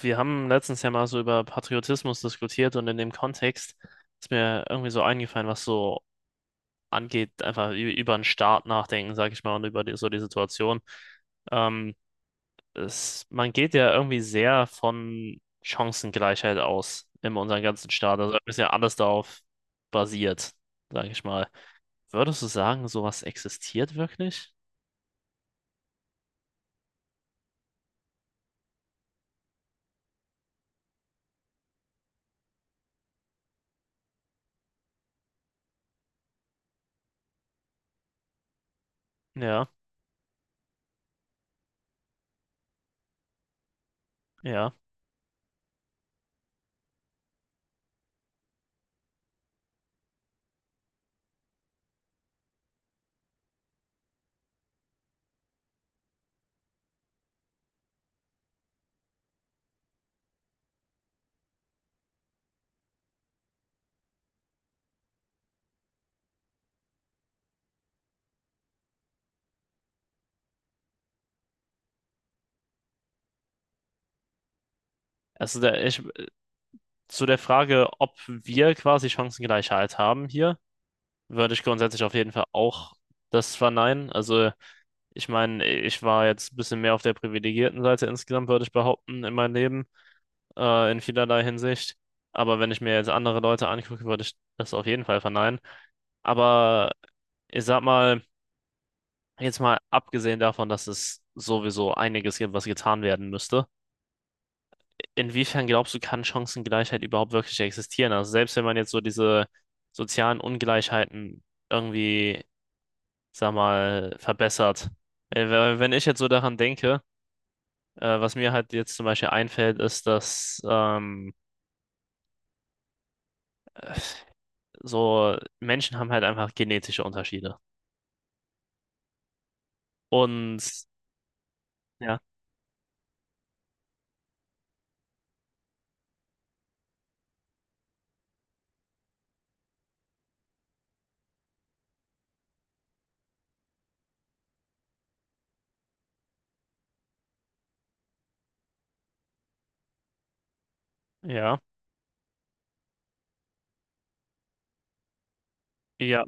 Wir haben letztens ja mal so über Patriotismus diskutiert und in dem Kontext ist mir irgendwie so eingefallen, was so angeht, einfach über den Staat nachdenken, sag ich mal, und über die, so die Situation. Ähm, Es, man geht ja irgendwie sehr von Chancengleichheit aus in unserem ganzen Staat. Also ist ja alles darauf basiert, sag ich mal. Würdest du sagen, sowas existiert wirklich? Ja, ja. Also der, ich, zu der Frage, ob wir quasi Chancengleichheit haben hier, würde ich grundsätzlich auf jeden Fall auch das verneinen. Also ich meine, ich war jetzt ein bisschen mehr auf der privilegierten Seite insgesamt, würde ich behaupten, in meinem Leben, in vielerlei Hinsicht. Aber wenn ich mir jetzt andere Leute angucke, würde ich das auf jeden Fall verneinen. Aber ich sag mal, jetzt mal abgesehen davon, dass es sowieso einiges gibt, was getan werden müsste, inwiefern glaubst du, kann Chancengleichheit überhaupt wirklich existieren? Also selbst wenn man jetzt so diese sozialen Ungleichheiten irgendwie, sag mal, verbessert. Wenn ich jetzt so daran denke, was mir halt jetzt zum Beispiel einfällt, ist, dass so Menschen haben halt einfach genetische Unterschiede. Und ja, ja, ja,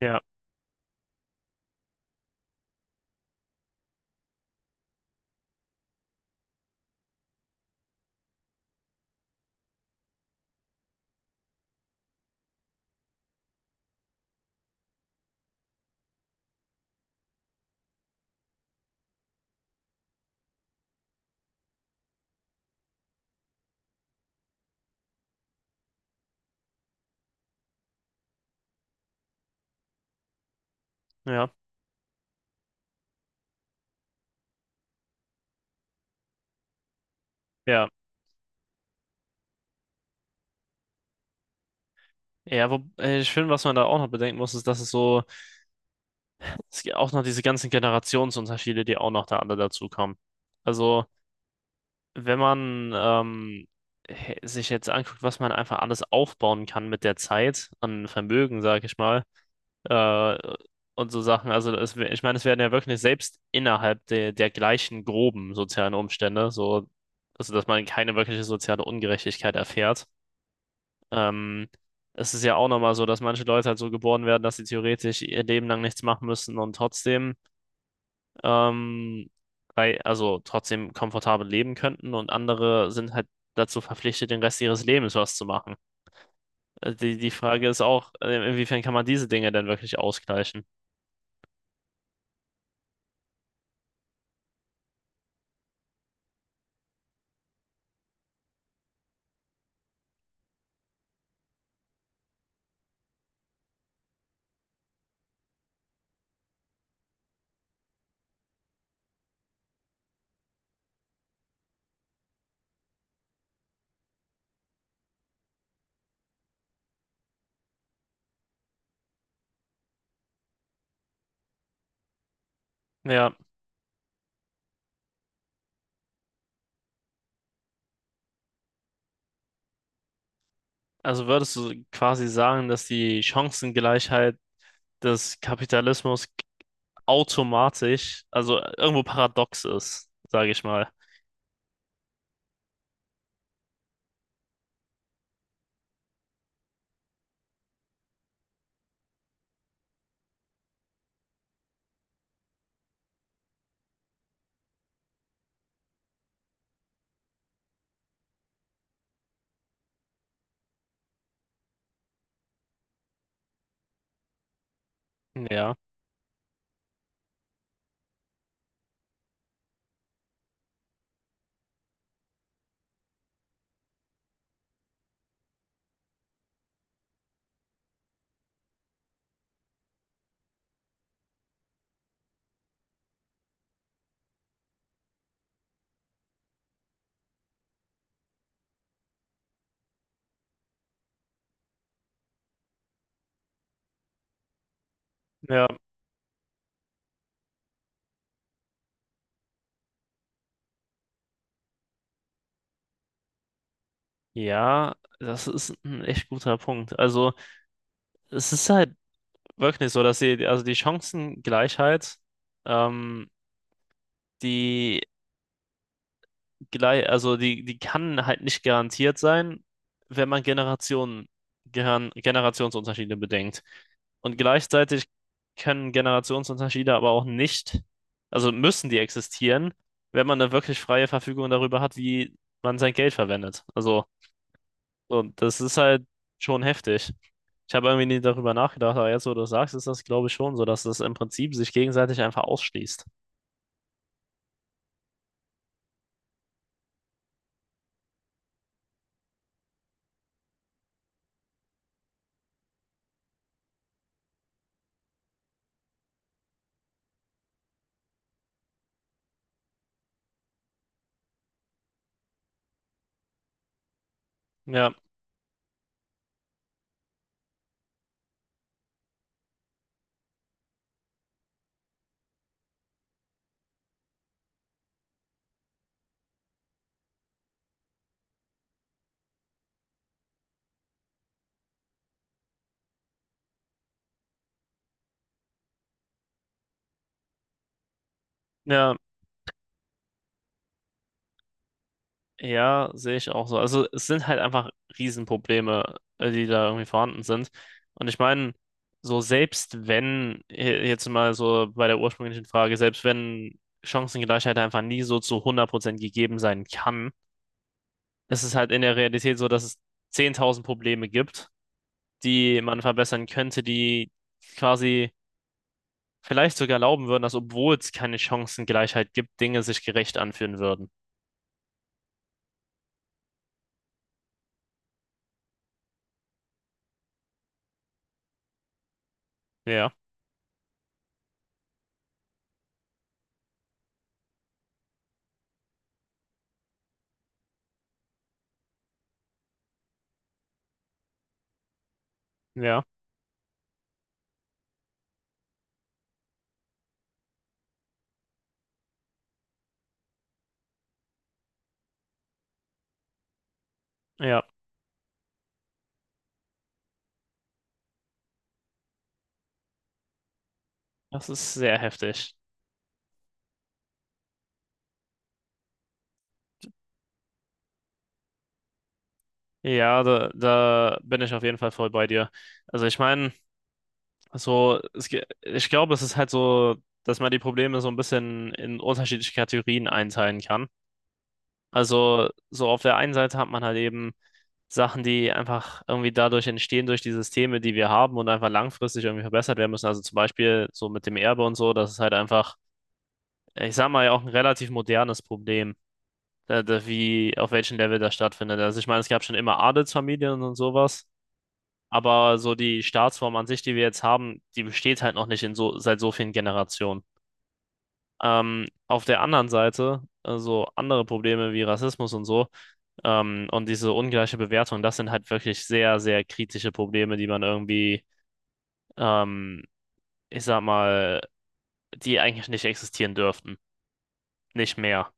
ja, ja, ja. Ja, wo, ich finde, was man da auch noch bedenken muss, ist, dass es so, es gibt auch noch diese ganzen Generationsunterschiede, die auch noch da alle dazukommen. Also, wenn man sich jetzt anguckt, was man einfach alles aufbauen kann mit der Zeit, an Vermögen, sag ich mal, äh, und so Sachen. Also es, ich meine, es werden ja wirklich selbst innerhalb der, der gleichen groben sozialen Umstände, so, also dass man keine wirkliche soziale Ungerechtigkeit erfährt. Ähm, Es ist ja auch nochmal so, dass manche Leute halt so geboren werden, dass sie theoretisch ihr Leben lang nichts machen müssen und trotzdem, ähm, bei, also trotzdem komfortabel leben könnten und andere sind halt dazu verpflichtet, den Rest ihres Lebens was zu machen. Die, die Frage ist auch, inwiefern kann man diese Dinge denn wirklich ausgleichen? Ja. Also würdest du quasi sagen, dass die Chancengleichheit des Kapitalismus automatisch, also irgendwo paradox ist, sage ich mal. Ja, ja, ja, das ist ein echt guter Punkt. Also es ist halt wirklich so, dass die, also die Chancengleichheit, ähm, die gleich, also die, die kann halt nicht garantiert sein, wenn man Generationen, Generationsunterschiede bedenkt. Und gleichzeitig können Generationsunterschiede aber auch nicht, also müssen die existieren, wenn man eine wirklich freie Verfügung darüber hat, wie man sein Geld verwendet. Also, und das ist halt schon heftig. Ich habe irgendwie nie darüber nachgedacht, aber jetzt, wo du es sagst, ist das, glaube ich, schon so, dass das im Prinzip sich gegenseitig einfach ausschließt. Ja, ja. Ja, sehe ich auch so. Also es sind halt einfach Riesenprobleme, die da irgendwie vorhanden sind. Und ich meine, so selbst wenn, jetzt mal so bei der ursprünglichen Frage, selbst wenn Chancengleichheit einfach nie so zu 100% gegeben sein kann, ist es halt in der Realität so, dass es 10.000 Probleme gibt, die man verbessern könnte, die quasi vielleicht sogar erlauben würden, dass obwohl es keine Chancengleichheit gibt, Dinge sich gerecht anfühlen würden. Ja, ja, ja. Das ist sehr heftig. Ja, da, da bin ich auf jeden Fall voll bei dir. Also ich meine, so, es, ich glaube, es ist halt so, dass man die Probleme so ein bisschen in unterschiedliche Kategorien einteilen kann. Also so auf der einen Seite hat man halt eben Sachen, die einfach irgendwie dadurch entstehen, durch die Systeme, die wir haben und einfach langfristig irgendwie verbessert werden müssen. Also zum Beispiel so mit dem Erbe und so, das ist halt einfach, ich sag mal, ja auch ein relativ modernes Problem, da, da, wie, auf welchem Level das stattfindet. Also ich meine, es gab schon immer Adelsfamilien und sowas. Aber so die Staatsform an sich, die wir jetzt haben, die besteht halt noch nicht in so, seit so vielen Generationen. Auf der anderen Seite, so andere Probleme wie Rassismus und so, und diese ungleiche Bewertung, das sind halt wirklich sehr, sehr kritische Probleme, die man irgendwie, ähm, ich sag mal, die eigentlich nicht existieren dürften. Nicht mehr.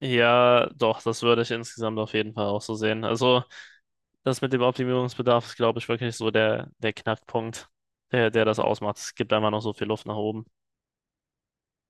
Ja, doch, das würde ich insgesamt auf jeden Fall auch so sehen. Also das mit dem Optimierungsbedarf ist, glaube ich, wirklich so der, der Knackpunkt, der, der das ausmacht. Es gibt einfach noch so viel Luft nach oben.